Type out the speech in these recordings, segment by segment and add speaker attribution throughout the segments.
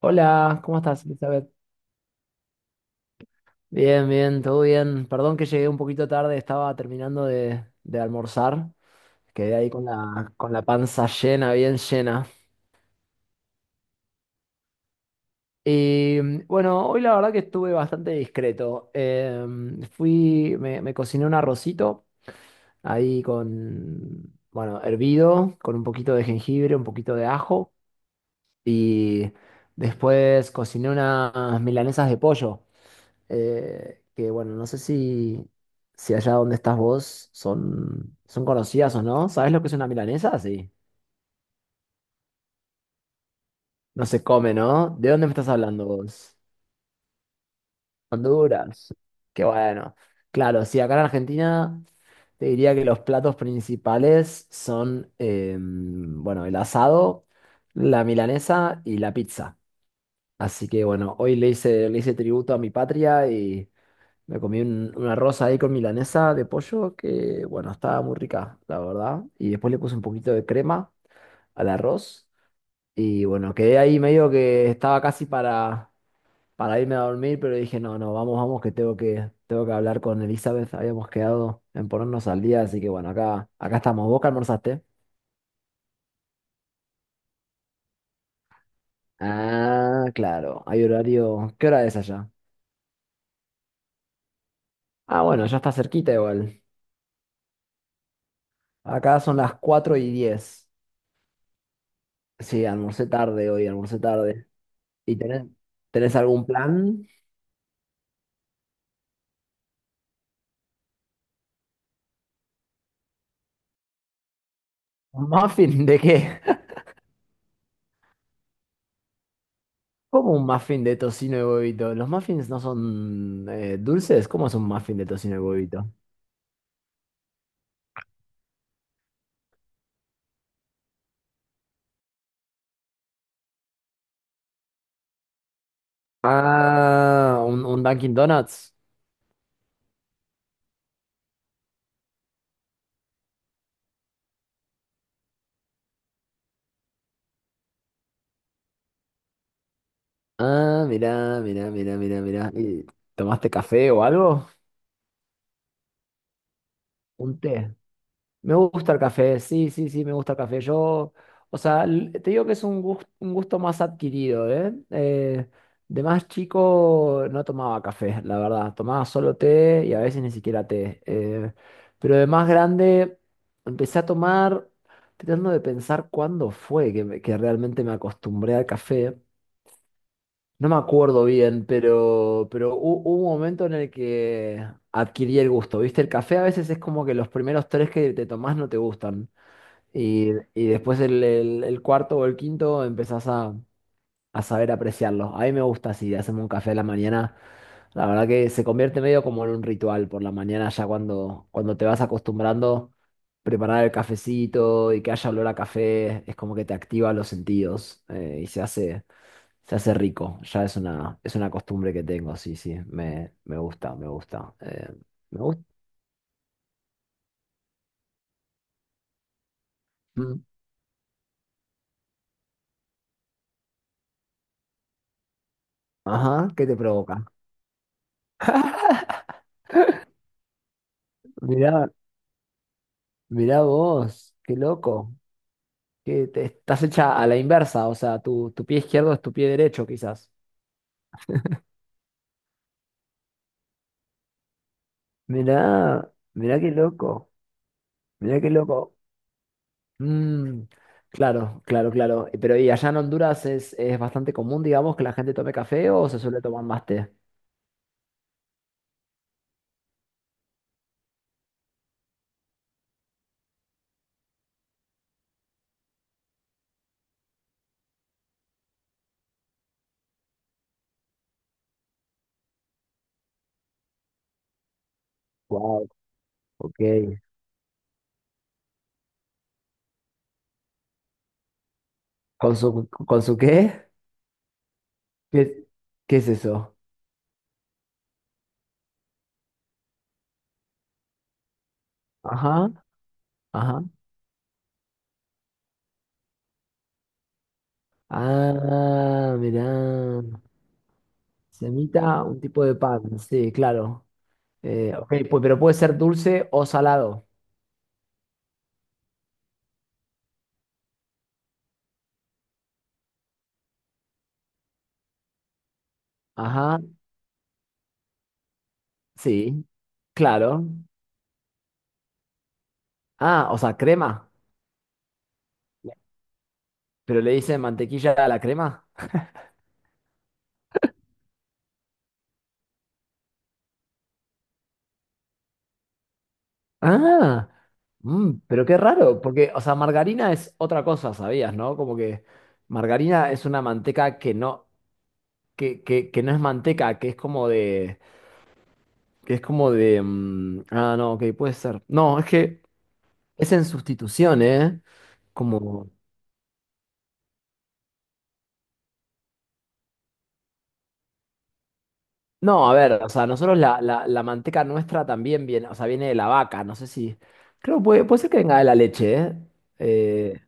Speaker 1: Hola, ¿cómo estás, Elizabeth? Bien, bien, todo bien. Perdón que llegué un poquito tarde, estaba terminando de almorzar. Quedé ahí con la panza llena, bien llena. Y bueno, hoy la verdad que estuve bastante discreto. Fui, me cociné un arrocito ahí con, bueno, hervido, con un poquito de jengibre, un poquito de ajo. Y después cociné unas milanesas de pollo. Que bueno, no sé si, si allá donde estás vos son, son conocidas o no. ¿Sabes lo que es una milanesa? Sí. No se come, ¿no? ¿De dónde me estás hablando vos? Honduras. Qué bueno. Claro, sí, acá en Argentina te diría que los platos principales son, bueno, el asado, la milanesa y la pizza. Así que bueno, hoy le hice tributo a mi patria y me comí una rosa ahí con milanesa de pollo que, bueno, estaba muy rica, la verdad. Y después le puse un poquito de crema al arroz. Y bueno, quedé ahí medio que estaba casi para irme a dormir, pero dije, no, no, vamos, vamos, que tengo que hablar con Elizabeth. Habíamos quedado en ponernos al día, así que bueno, acá estamos. ¿Vos qué almorzaste? Ah, claro, hay horario. ¿Qué hora es allá? Ah, bueno, ya está cerquita igual. Acá son las 4:10. Sí, almorcé tarde hoy, almorcé tarde. ¿Y tenés algún plan? ¿Un muffin de qué? ¿Cómo un muffin de tocino y huevito? ¿Los muffins no son dulces? ¿Cómo es un muffin de tocino y huevito? Ah, un Dunkin' Donuts. Ah, mirá, mirá, mirá, mirá, mirá. ¿Y tomaste café o algo? Un té. Me gusta el café, sí, sí, sí, me gusta el café. Yo, o sea, te digo que es un gusto más adquirido, ¿eh? De más chico no tomaba café, la verdad. Tomaba solo té y a veces ni siquiera té. Pero de más grande empecé a tomar, tratando de pensar cuándo fue que, que realmente me acostumbré al café. No me acuerdo bien, pero hubo un momento en el que adquirí el gusto, ¿viste? El café a veces es como que los primeros tres que te tomás no te gustan. Y después el, el cuarto o el quinto empezás a saber apreciarlo. A mí me gusta así, hacerme un café a la mañana. La verdad que se convierte medio como en un ritual por la mañana, ya cuando te vas acostumbrando, preparar el cafecito y que haya olor a café, es como que te activa los sentidos y se hace rico. Ya es una costumbre que tengo, sí, sí, me gusta, me gusta. Me gusta. Ajá, ¿qué te provoca? Mirá. Mirá vos, qué loco. Estás hecha a la inversa, o sea, tu pie izquierdo es tu pie derecho, quizás. Mirá, mirá qué loco, mirá qué loco. Mm, claro, claro, claro. Pero ¿y allá en Honduras es bastante común, digamos, que la gente tome café o se suele tomar más té? Wow, ok. Con su qué? ¿Qué, qué es eso? Ajá, ajá. Ah, mirá. Semita, un tipo de pan, sí, claro. Ok, pues, pero puede ser dulce o salado. Ajá, sí, claro. Ah, o sea, crema. Pero le dicen mantequilla a la crema. Ah, pero qué raro, porque, o sea, margarina es otra cosa, ¿sabías, no? Como que margarina es una manteca que no es manteca, que es como de, que es como de, ah, no, ok, puede ser. No, es que es en sustitución, ¿eh? Como, no, a ver, o sea, nosotros la, la manteca nuestra también viene, o sea, viene de la vaca, no sé si, creo, puede, puede ser que venga de la leche, ¿eh? Eh,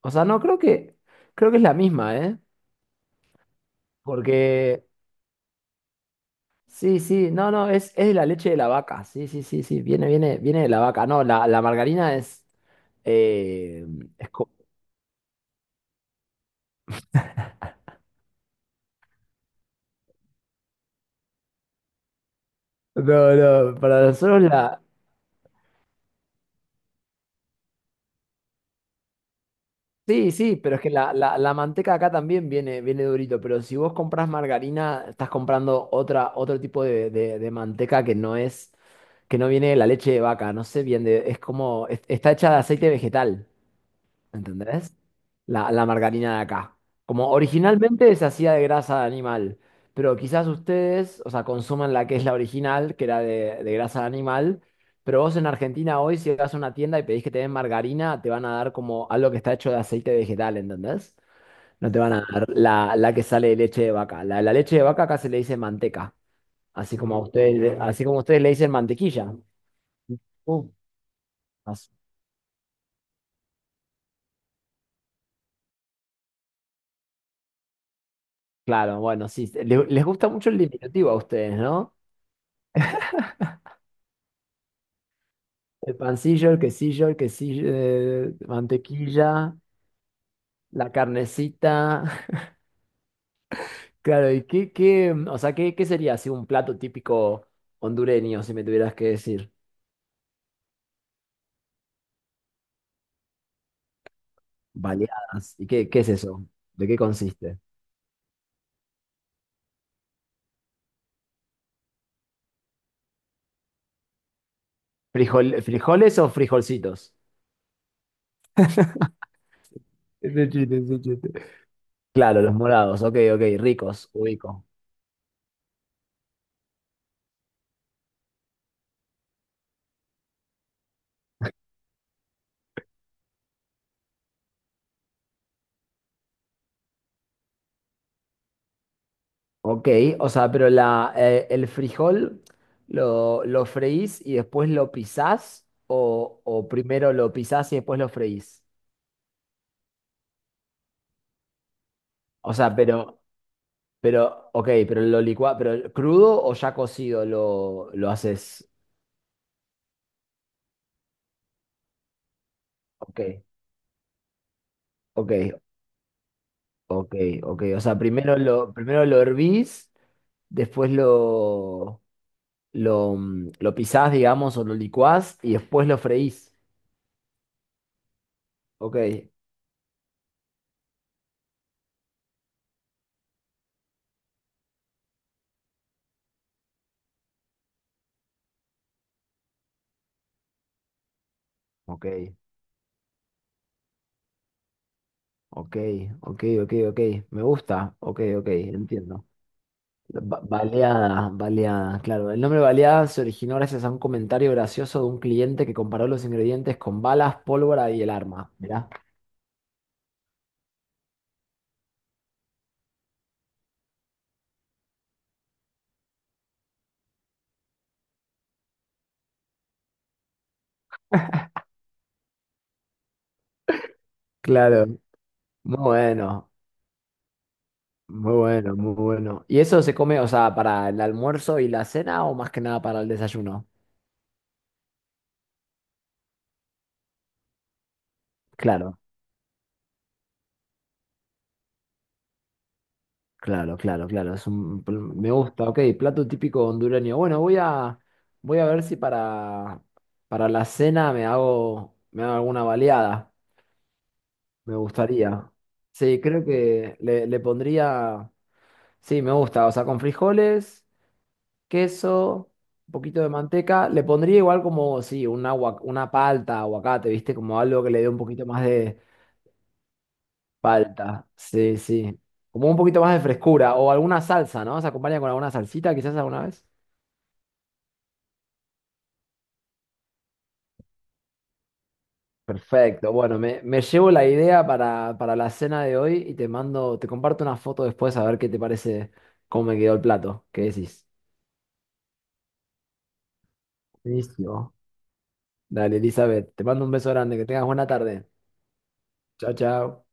Speaker 1: o sea, no, creo que es la misma, ¿eh? Porque, sí, sí, no, no, es de la leche de la vaca, sí, sí, sí, sí, viene, viene, viene de la vaca, no, la margarina es, eh, es co- no, no, para nosotros la, sí, sí, pero es que la, la manteca acá también viene, viene durito, pero si vos compras margarina, estás comprando otra, otro tipo de, de manteca que no es, que no viene de la leche de vaca, no sé bien, es como, está hecha de aceite vegetal. ¿Entendés? La margarina de acá. Como originalmente se hacía de grasa de animal, pero quizás ustedes, o sea, consuman la que es la original, que era de grasa de animal, pero vos en Argentina hoy, si vas a una tienda y pedís que te den margarina, te van a dar como algo que está hecho de aceite vegetal, ¿entendés? No te van a dar la, la que sale de leche de vaca. La leche de vaca acá se le dice manteca, así como a ustedes, así como ustedes le dicen mantequilla. Uh, as- claro, bueno, sí, les gusta mucho el diminutivo a ustedes, ¿no? El pancillo, el quesillo, mantequilla, la carnecita. Claro, ¿y qué, qué, o sea, qué, qué sería así un plato típico hondureño, si me tuvieras que decir? Baleadas. ¿Y qué, qué es eso? ¿De qué consiste? ¿Frijol, frijoles o frijolcitos? Es un chiste, es un chiste. Claro, los morados, ok, ok, ricos, ubico. Ok, o sea, pero la, el frijol lo freís y después lo pisás o primero lo pisás y después lo freís. O sea, pero, ok, pero lo licua, pero crudo o ya cocido lo haces. Ok, ok, ok, ok. O sea, primero lo hervís, después lo, lo pisás, digamos, o lo licuás y después lo freís. Ok, ok, ok, ok, ok, ok. Me gusta, ok, ok, entiendo. Baleada, baleada, claro. El nombre baleada se originó gracias a un comentario gracioso de un cliente que comparó los ingredientes con balas, pólvora y el arma. Mirá. Claro, muy bueno, muy bueno, muy bueno. ¿Y eso se come, o sea, para el almuerzo y la cena o más que nada para el desayuno? Claro, claro, claro, claro. Es un, me gusta, ok, plato típico hondureño. Bueno, voy a, voy a ver si para, para la cena me hago alguna baleada. Me gustaría. Sí, creo que le pondría. Sí, me gusta. O sea, con frijoles, queso, un poquito de manteca. Le pondría igual como, sí, una palta, aguacate, ¿viste? Como algo que le dé un poquito más de palta. Sí, sí. Como un poquito más de frescura. O alguna salsa, ¿no? Se acompaña con alguna salsita, quizás alguna vez. Perfecto. Bueno, me llevo la idea para la cena de hoy y te mando, te comparto una foto después a ver qué te parece cómo me quedó el plato. ¿Qué decís? Buenísimo. Dale, Elizabeth, te mando un beso grande, que tengas buena tarde. Chao, chao.